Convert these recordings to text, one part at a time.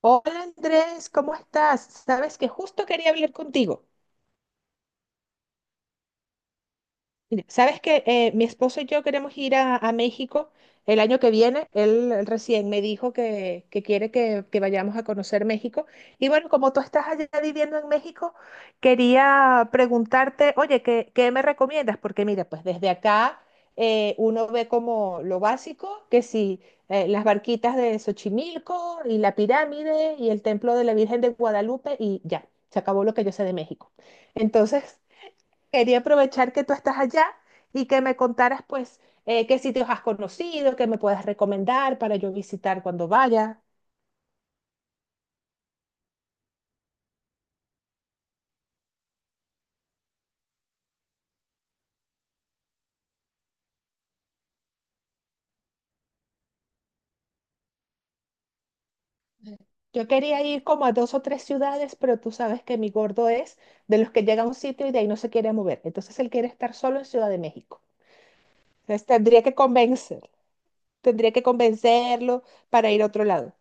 Hola Andrés, ¿cómo estás? Sabes que justo quería hablar contigo. Mira, sabes que mi esposo y yo queremos ir a México el año que viene. Él recién me dijo que quiere que vayamos a conocer México. Y bueno, como tú estás allá viviendo en México, quería preguntarte, oye, ¿ qué me recomiendas? Porque mira, pues desde acá uno ve como lo básico, que si las barquitas de Xochimilco y la pirámide y el templo de la Virgen de Guadalupe y ya, se acabó lo que yo sé de México. Entonces, quería aprovechar que tú estás allá y que me contaras, pues, qué sitios has conocido, qué me puedes recomendar para yo visitar cuando vaya. Yo quería ir como a dos o tres ciudades, pero tú sabes que mi gordo es de los que llega a un sitio y de ahí no se quiere mover. Entonces él quiere estar solo en Ciudad de México. Entonces tendría que convencer, Tendría que convencerlo para ir a otro lado.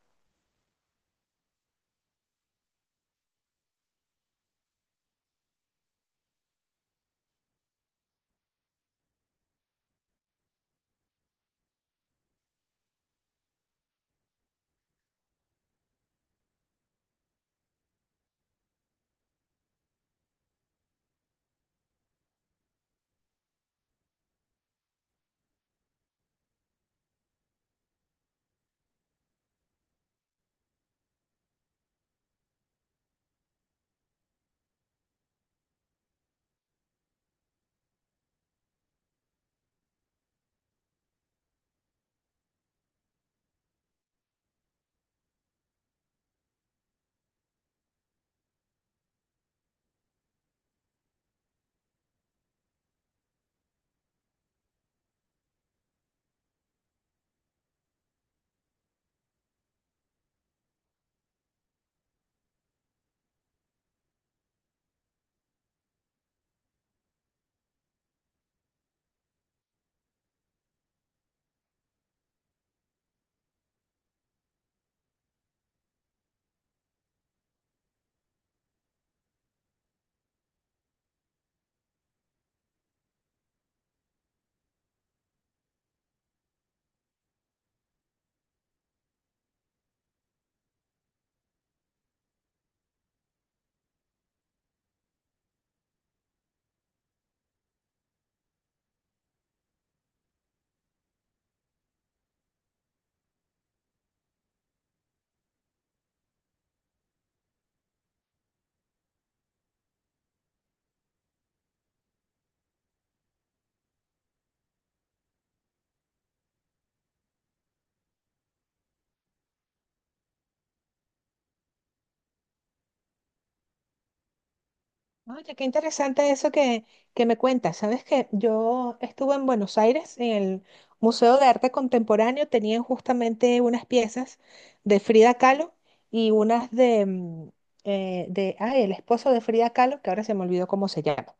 Oye, qué interesante eso que me cuentas. Sabes que yo estuve en Buenos Aires, en el Museo de Arte Contemporáneo, tenían justamente unas piezas de Frida Kahlo y unas de, de ay, el esposo de Frida Kahlo, que ahora se me olvidó cómo se llama.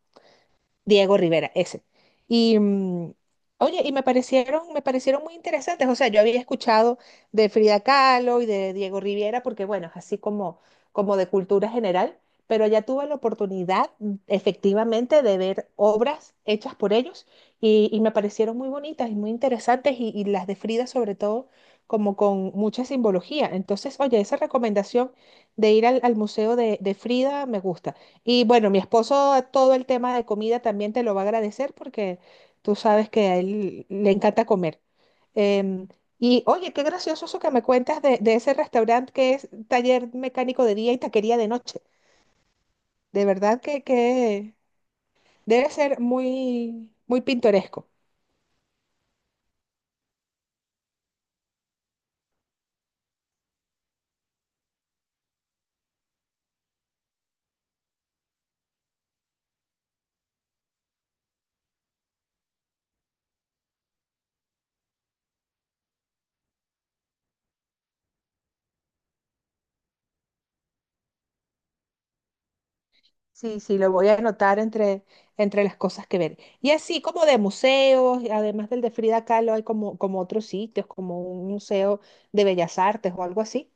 Diego Rivera, ese. Y mm, Oye, y me parecieron muy interesantes. O sea, yo había escuchado de Frida Kahlo y de Diego Rivera, porque bueno, es así como de cultura general, pero ya tuve la oportunidad efectivamente de ver obras hechas por ellos y me parecieron muy bonitas y muy interesantes, y las de Frida sobre todo, como con mucha simbología. Entonces, oye, esa recomendación de ir al museo de Frida me gusta. Y bueno, mi esposo todo el tema de comida también te lo va a agradecer porque tú sabes que a él le encanta comer. Em, y oye, qué gracioso eso que me cuentas de ese restaurante que es taller mecánico de día y taquería de noche. De verdad que debe ser muy, muy pintoresco. Sí, sí, lo voy a anotar entre las cosas que ver. Y así como de museos, y además del de Frida Kahlo, hay como otros sitios, como un museo de bellas artes o algo así.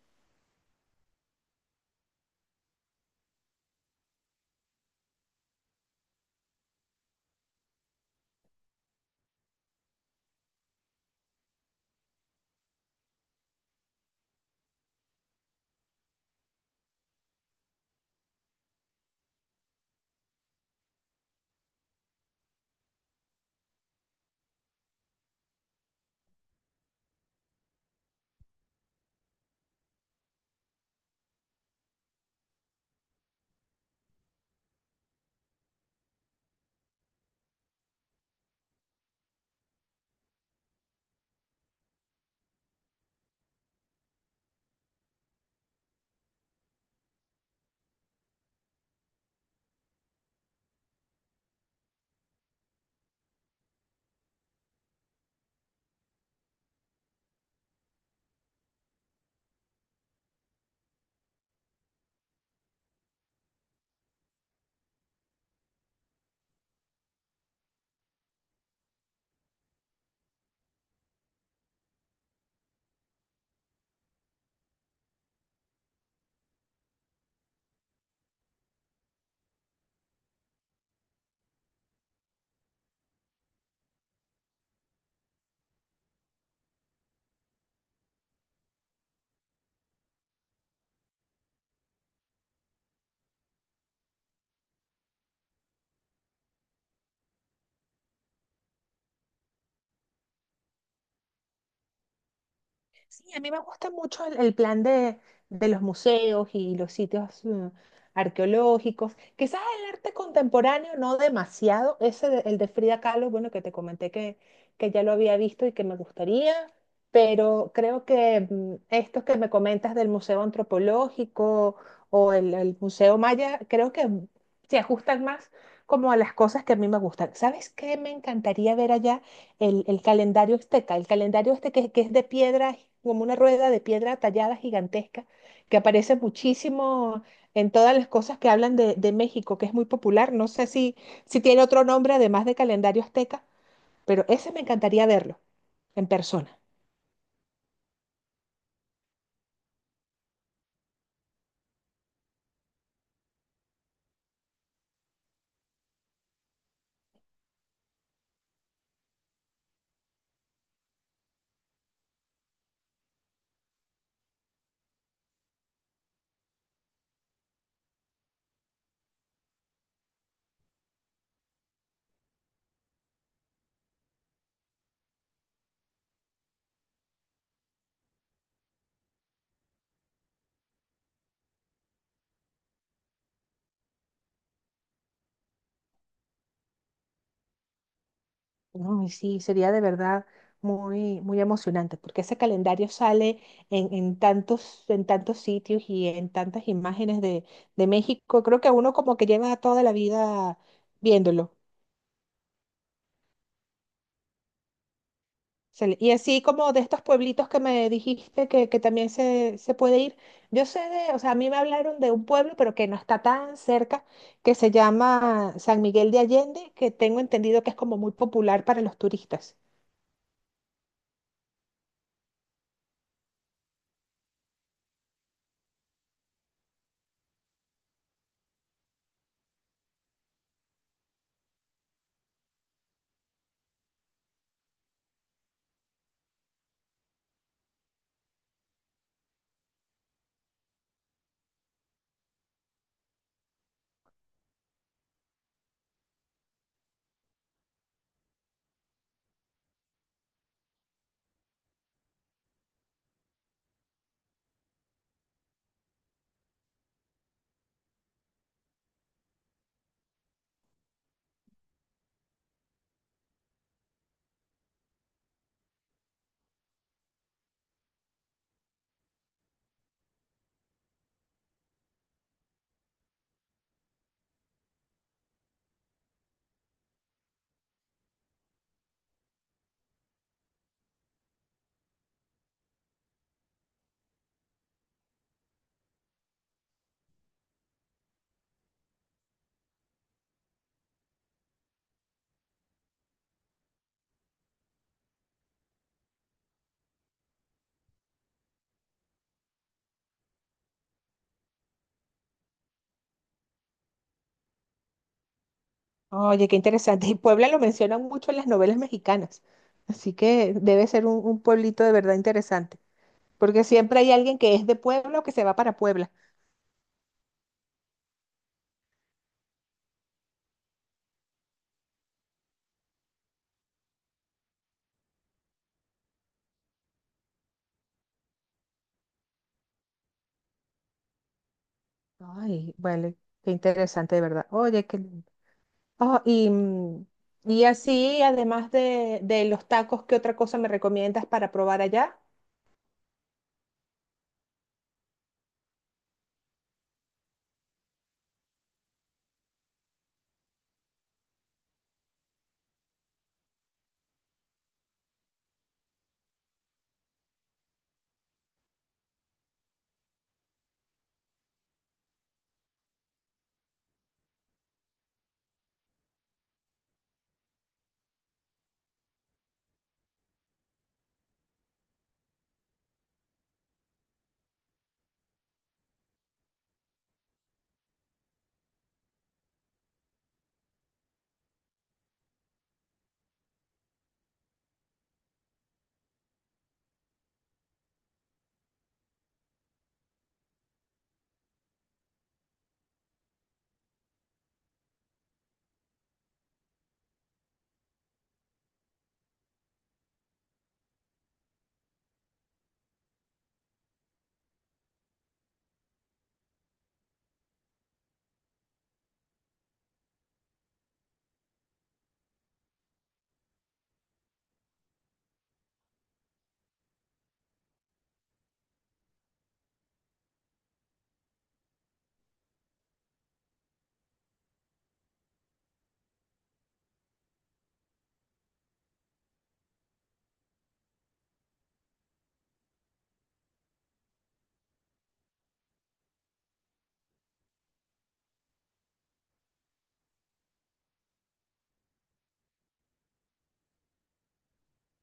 Sí, a mí me gusta mucho el plan de los museos y los sitios arqueológicos. Quizás el arte contemporáneo no demasiado. El de Frida Kahlo, bueno, que te comenté que ya lo había visto y que me gustaría, pero creo que estos que me comentas del Museo Antropológico o el Museo Maya, creo que se ajustan más como a las cosas que a mí me gustan. ¿Sabes qué me encantaría ver allá? El calendario azteca, el calendario este que es de piedra, como una rueda de piedra tallada gigantesca, que aparece muchísimo en todas las cosas que hablan de México, que es muy popular. No sé si, si tiene otro nombre además de calendario azteca, pero ese me encantaría verlo en persona. No, y sí, sería de verdad muy, muy emocionante, porque ese calendario sale en tantos sitios y en tantas imágenes de México. Creo que uno como que lleva toda la vida viéndolo. Y así como de estos pueblitos que me dijiste que también se puede ir, yo sé de, o sea, a mí me hablaron de un pueblo, pero que no está tan cerca, que se llama San Miguel de Allende, que tengo entendido que es como muy popular para los turistas. Oye, qué interesante. Y Puebla lo mencionan mucho en las novelas mexicanas, así que debe ser un pueblito de verdad interesante, porque siempre hay alguien que es de Puebla o que se va para Puebla. Ay, vale, qué interesante de verdad. Ah, y, mm, y así, además de los tacos, ¿qué otra cosa me recomiendas para probar allá?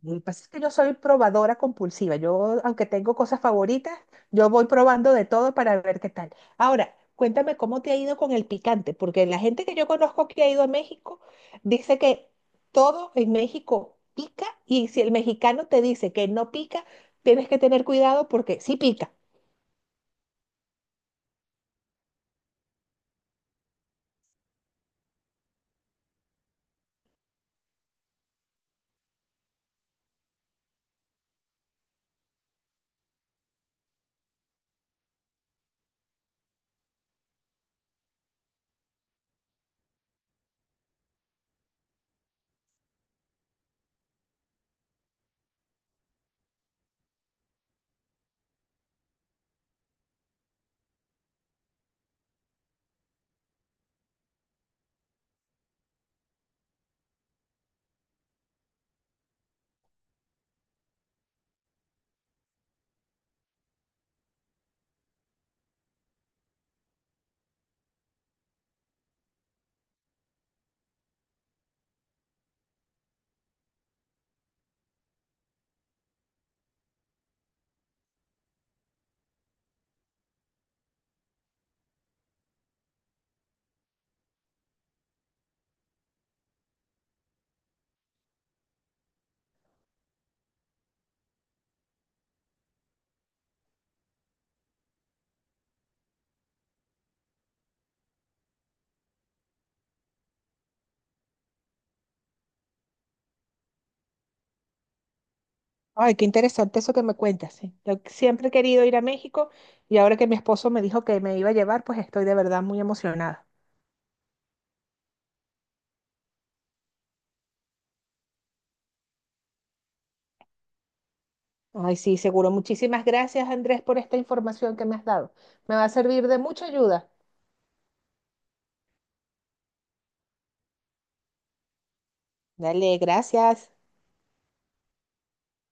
Lo que pasa es que yo soy probadora compulsiva. Yo, aunque tengo cosas favoritas, yo voy probando de todo para ver qué tal. Ahora, cuéntame cómo te ha ido con el picante, porque la gente que yo conozco que ha ido a México dice que todo en México pica y si el mexicano te dice que no pica, tienes que tener cuidado porque sí pica. Ay, qué interesante eso que me cuentas. Sí. Yo siempre he querido ir a México y ahora que mi esposo me dijo que me iba a llevar, pues estoy de verdad muy emocionada. Ay, sí, seguro. Muchísimas gracias, Andrés, por esta información que me has dado. Me va a servir de mucha ayuda. Dale, gracias.